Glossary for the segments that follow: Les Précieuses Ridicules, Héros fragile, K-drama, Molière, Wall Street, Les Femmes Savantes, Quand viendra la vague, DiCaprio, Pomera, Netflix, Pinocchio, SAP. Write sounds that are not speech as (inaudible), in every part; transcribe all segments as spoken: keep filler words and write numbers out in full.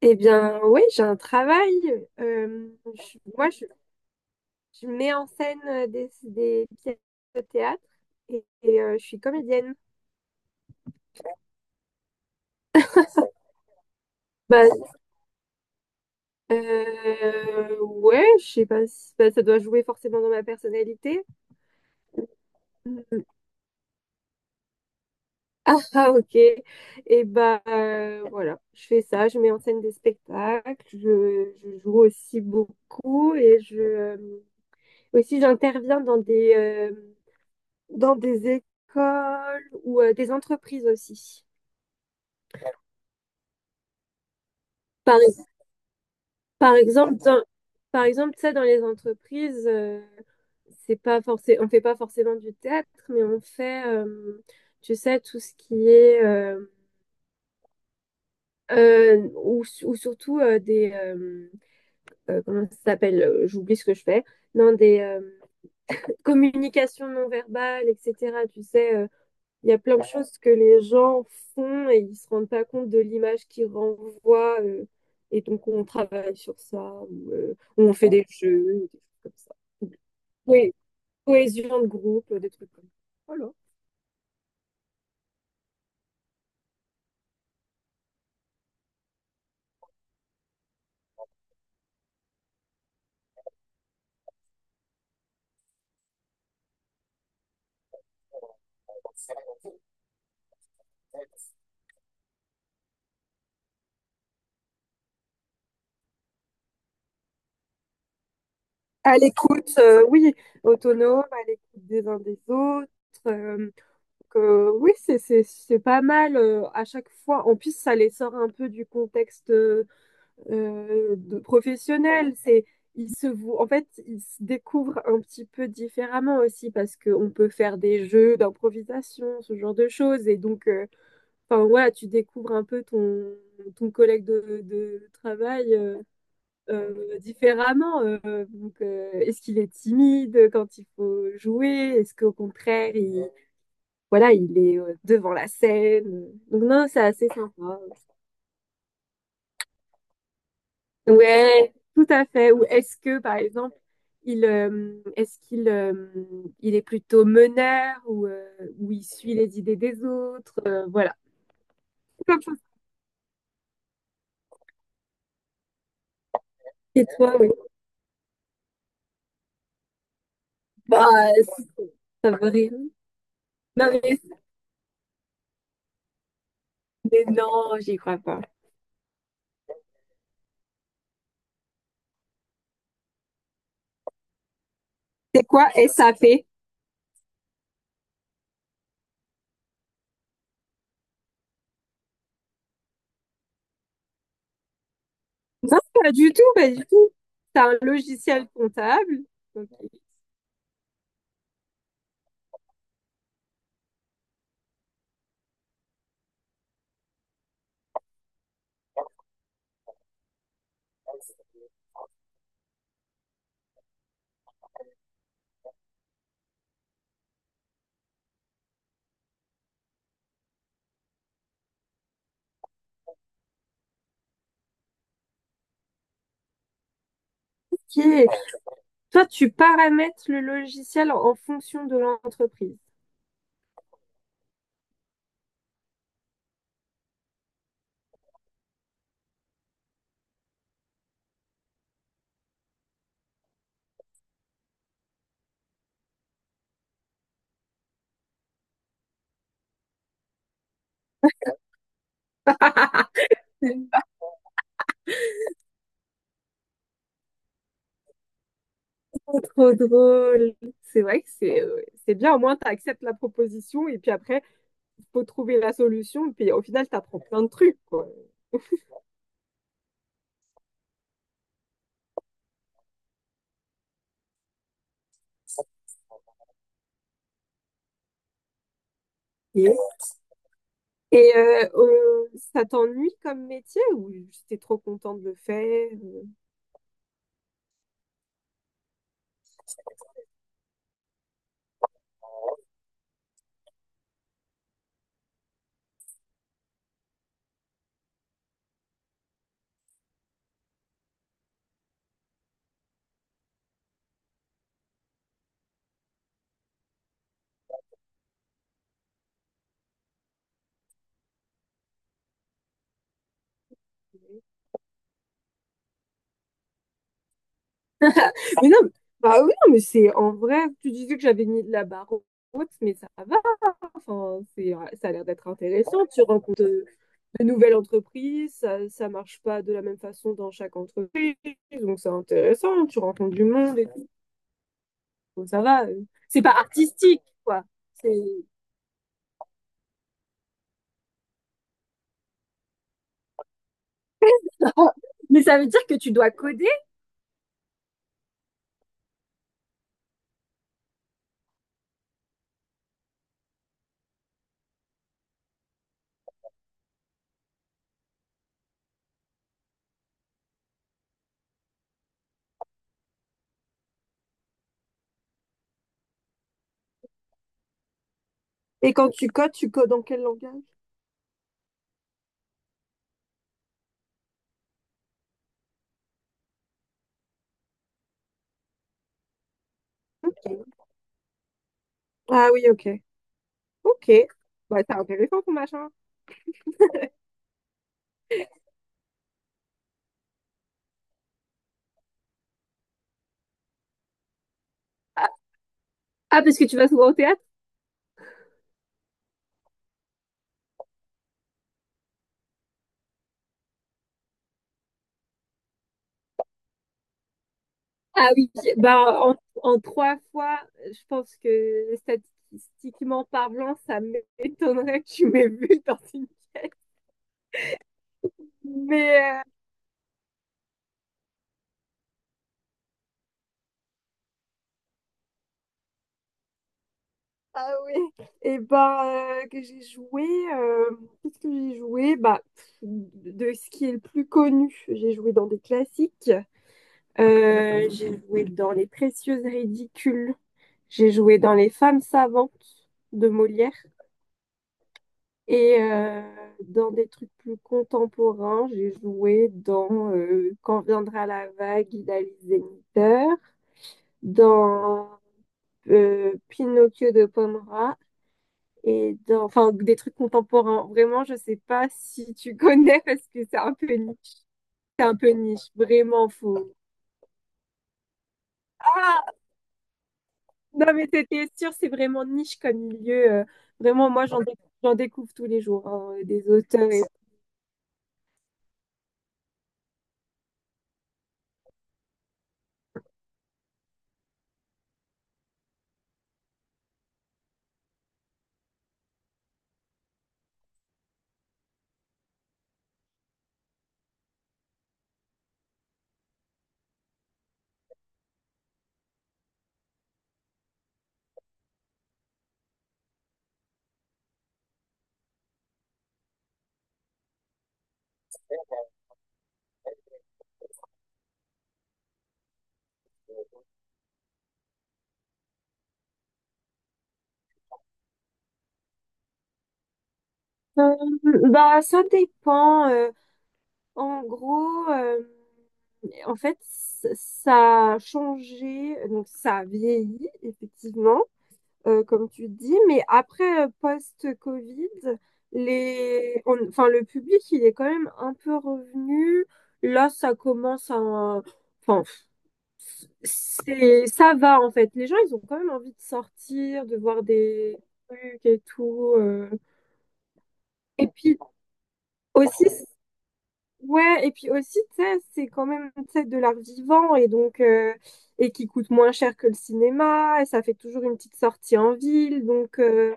Eh bien, oui, j'ai un travail. Euh, je- moi, je, je mets en scène euh, des, des pièces de théâtre et, et, euh, je suis comédienne. Bah, euh, ouais, je sais pas si bah, ça doit jouer forcément dans ma personnalité. (laughs) Mm. Ah, ah, ok. Et bah, euh, voilà, je fais ça. Je mets en scène des spectacles. Je, je joue aussi beaucoup et je euh, aussi j'interviens dans des euh, dans des écoles ou euh, des entreprises aussi. Par, e-, Par exemple, dans, par exemple, ça, dans les entreprises, euh, c'est pas forcé, on fait pas forcément du théâtre, mais on fait, euh, tu sais, tout ce qui est, euh, euh, ou, su- ou surtout euh, des, euh, euh, comment ça s'appelle? euh, J'oublie ce que je fais. Non, des euh, communications non verbales, et cetera. Tu sais, euh, il y a plein de choses que les gens font et ils se rendent pas compte de l'image qu'ils renvoient. Euh, et donc, on travaille sur ça, ou, euh, ou on fait des jeux, ou des trucs comme ça. Oui, cohésion de groupe, euh, des trucs comme ça. Voilà. À l'écoute, euh, oui, autonome, à l'écoute des uns des autres. euh, donc, euh, oui, c'est c'est- c'est pas mal euh, à chaque fois. En plus, ça les sort un peu du contexte. Euh, euh, de professionnels. C'est, ils se vou- en fait, ils se découvrent un petit peu différemment aussi parce qu'on peut faire des jeux d'improvisation, ce genre de choses. Et donc, euh, enfin, voilà, tu découvres un peu ton, ton collègue de, de travail euh, euh, différemment. Euh, donc, euh, est-ce qu'il est timide quand il faut jouer? Est-ce qu'au contraire, il, voilà, il est euh, devant la scène? Donc, non, c'est assez sympa. Ouais, tout à fait. Ou est-ce que, par exemple, il euh, est-ce qu'il euh, il est plutôt meneur ou, euh, ou il suit les idées des autres euh, voilà. Comme ça. Et toi, oui. Bah, c'est pas vrai. Non, mais, mais non, j'y crois pas. C'est quoi S A P? Non, pas du tout, pas du tout. C'est un logiciel comptable. Ok. Ok. Toi, tu paramètres le logiciel en en fonction de l'entreprise. C'est pas trop drôle. C'est vrai que c'est euh, c'est bien, au moins tu acceptes la proposition et puis après, faut trouver la solution, puis au final, t'apprends plein de trucs, quoi. Et, et euh, euh, Ça t'ennuie comme métier ou j'étais trop contente de le faire? Mais non, bah oui, non, mais c'est en vrai, tu disais que j'avais mis de la barre haute, mais ça va, enfin, c'est, ça a l'air d'être intéressant. Tu rencontres de, de nouvelles entreprises, ça, ça marche pas de la même façon dans chaque entreprise, donc c'est intéressant, tu rencontres du monde et tout, donc ça va. euh. C'est pas artistique, quoi. C'est (laughs) mais ça veut dire que tu dois coder? Et quand tu codes, tu codes dans quel langage? Ah oui, ok. Ok. Bah, c'est intéressant ton machin. Ah, parce que tu vas souvent au théâtre? Ah oui, ben, en, en trois fois, je pense que statistiquement parlant, ça m'étonnerait que tu m'aies vu dans une pièce. Mais euh, ah oui, et ben euh, que j'ai joué, euh, qu'est-ce que j'ai joué? Bah, pff, de ce qui est le plus connu, j'ai joué dans des classiques. Euh, j'ai joué dans Les Précieuses Ridicules, j'ai joué dans Les Femmes Savantes de Molière. Et euh, dans des trucs plus contemporains, j'ai joué dans euh, Quand viendra la vague d'Alice Zenniter, dans euh, Pinocchio de Pomera et dans enfin des trucs contemporains. Vraiment, je sais pas si tu (laughs) connais parce que c'est un peu niche. C'est un peu niche, vraiment faux. Ah, non mais c'était sûr, c'est vraiment niche comme milieu. Euh, vraiment, moi j'en dé- j'en découvre tous les jours hein, des auteurs. Et Euh, bah ça dépend. euh, En gros, euh, en fait, c- ça a changé, donc ça a vieilli, effectivement, euh, comme tu dis, mais après, euh, post-Covid, les... on- enfin, le public, il est quand même un peu revenu. Là, ça commence à... Enfin, c- c'est... ça va, en fait. Les gens, ils ont quand même envie de sortir, de voir des trucs et tout. euh. Et puis aussi, ouais, et puis aussi, tu sais, c'est quand même, tu sais, de l'art vivant et donc, euh, et qui coûte moins cher que le cinéma, et ça fait toujours une petite sortie en ville. Donc, euh,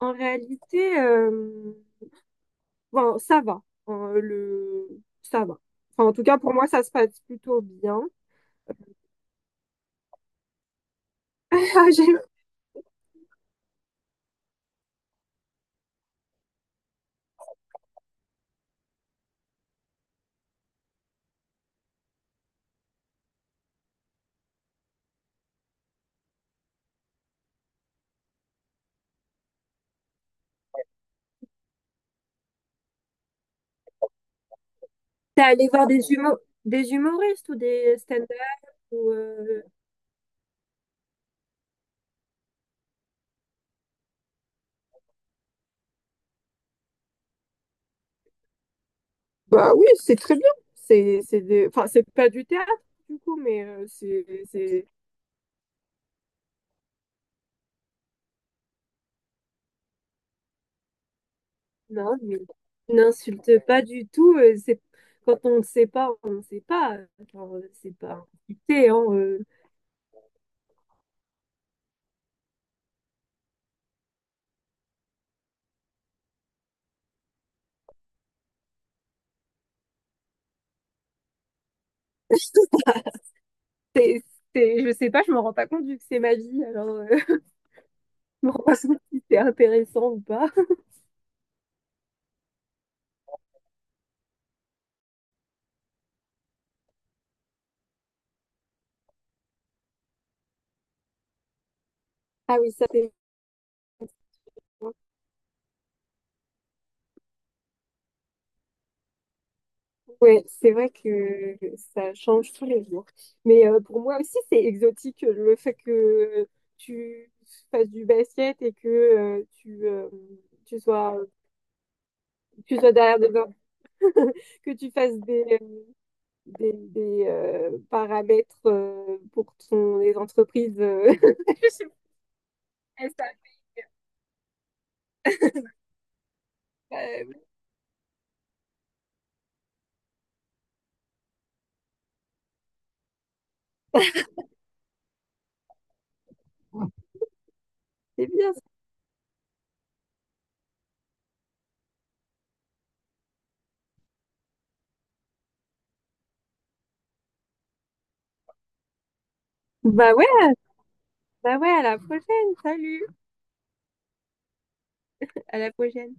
en réalité, euh, bon, ça va. Euh, le... Ça va. Enfin, en tout cas, pour moi, ça se passe plutôt bien. (laughs) Ah, j'ai- T'es allé voir des (laughs) humo- des humoristes ou des stand-up ou, euh, bah oui, c'est très bien. C'est c'est des... enfin, c'est pas du théâtre, du coup, mais euh, c'est c'est- non, mais n'insulte pas du tout. Euh, c'est... Quand on ne sait pas, on ne sait pas. Enfin, euh, c'est pas insulter, hein, euh. (laughs) C'est, c'est- je sais pas, je me rends pas compte vu que c'est ma vie, alors euh, (laughs) je me rends pas compte si c'est intéressant ou pas. Ah oui, ça c'est moi. Ouais, c'est vrai que ça change tous les jours. Mais euh, pour moi aussi, c'est exotique euh, le fait que tu fasses du basket et que euh, tu, euh, tu sois, tu sois derrière des hommes, (laughs) que tu fasses des, euh, des, des, euh, paramètres euh, pour ton, les entreprises. euh, (laughs) je sais pas, mais c'est bien ça. Bah ouais, bah ouais, à la prochaine. Salut, à la prochaine.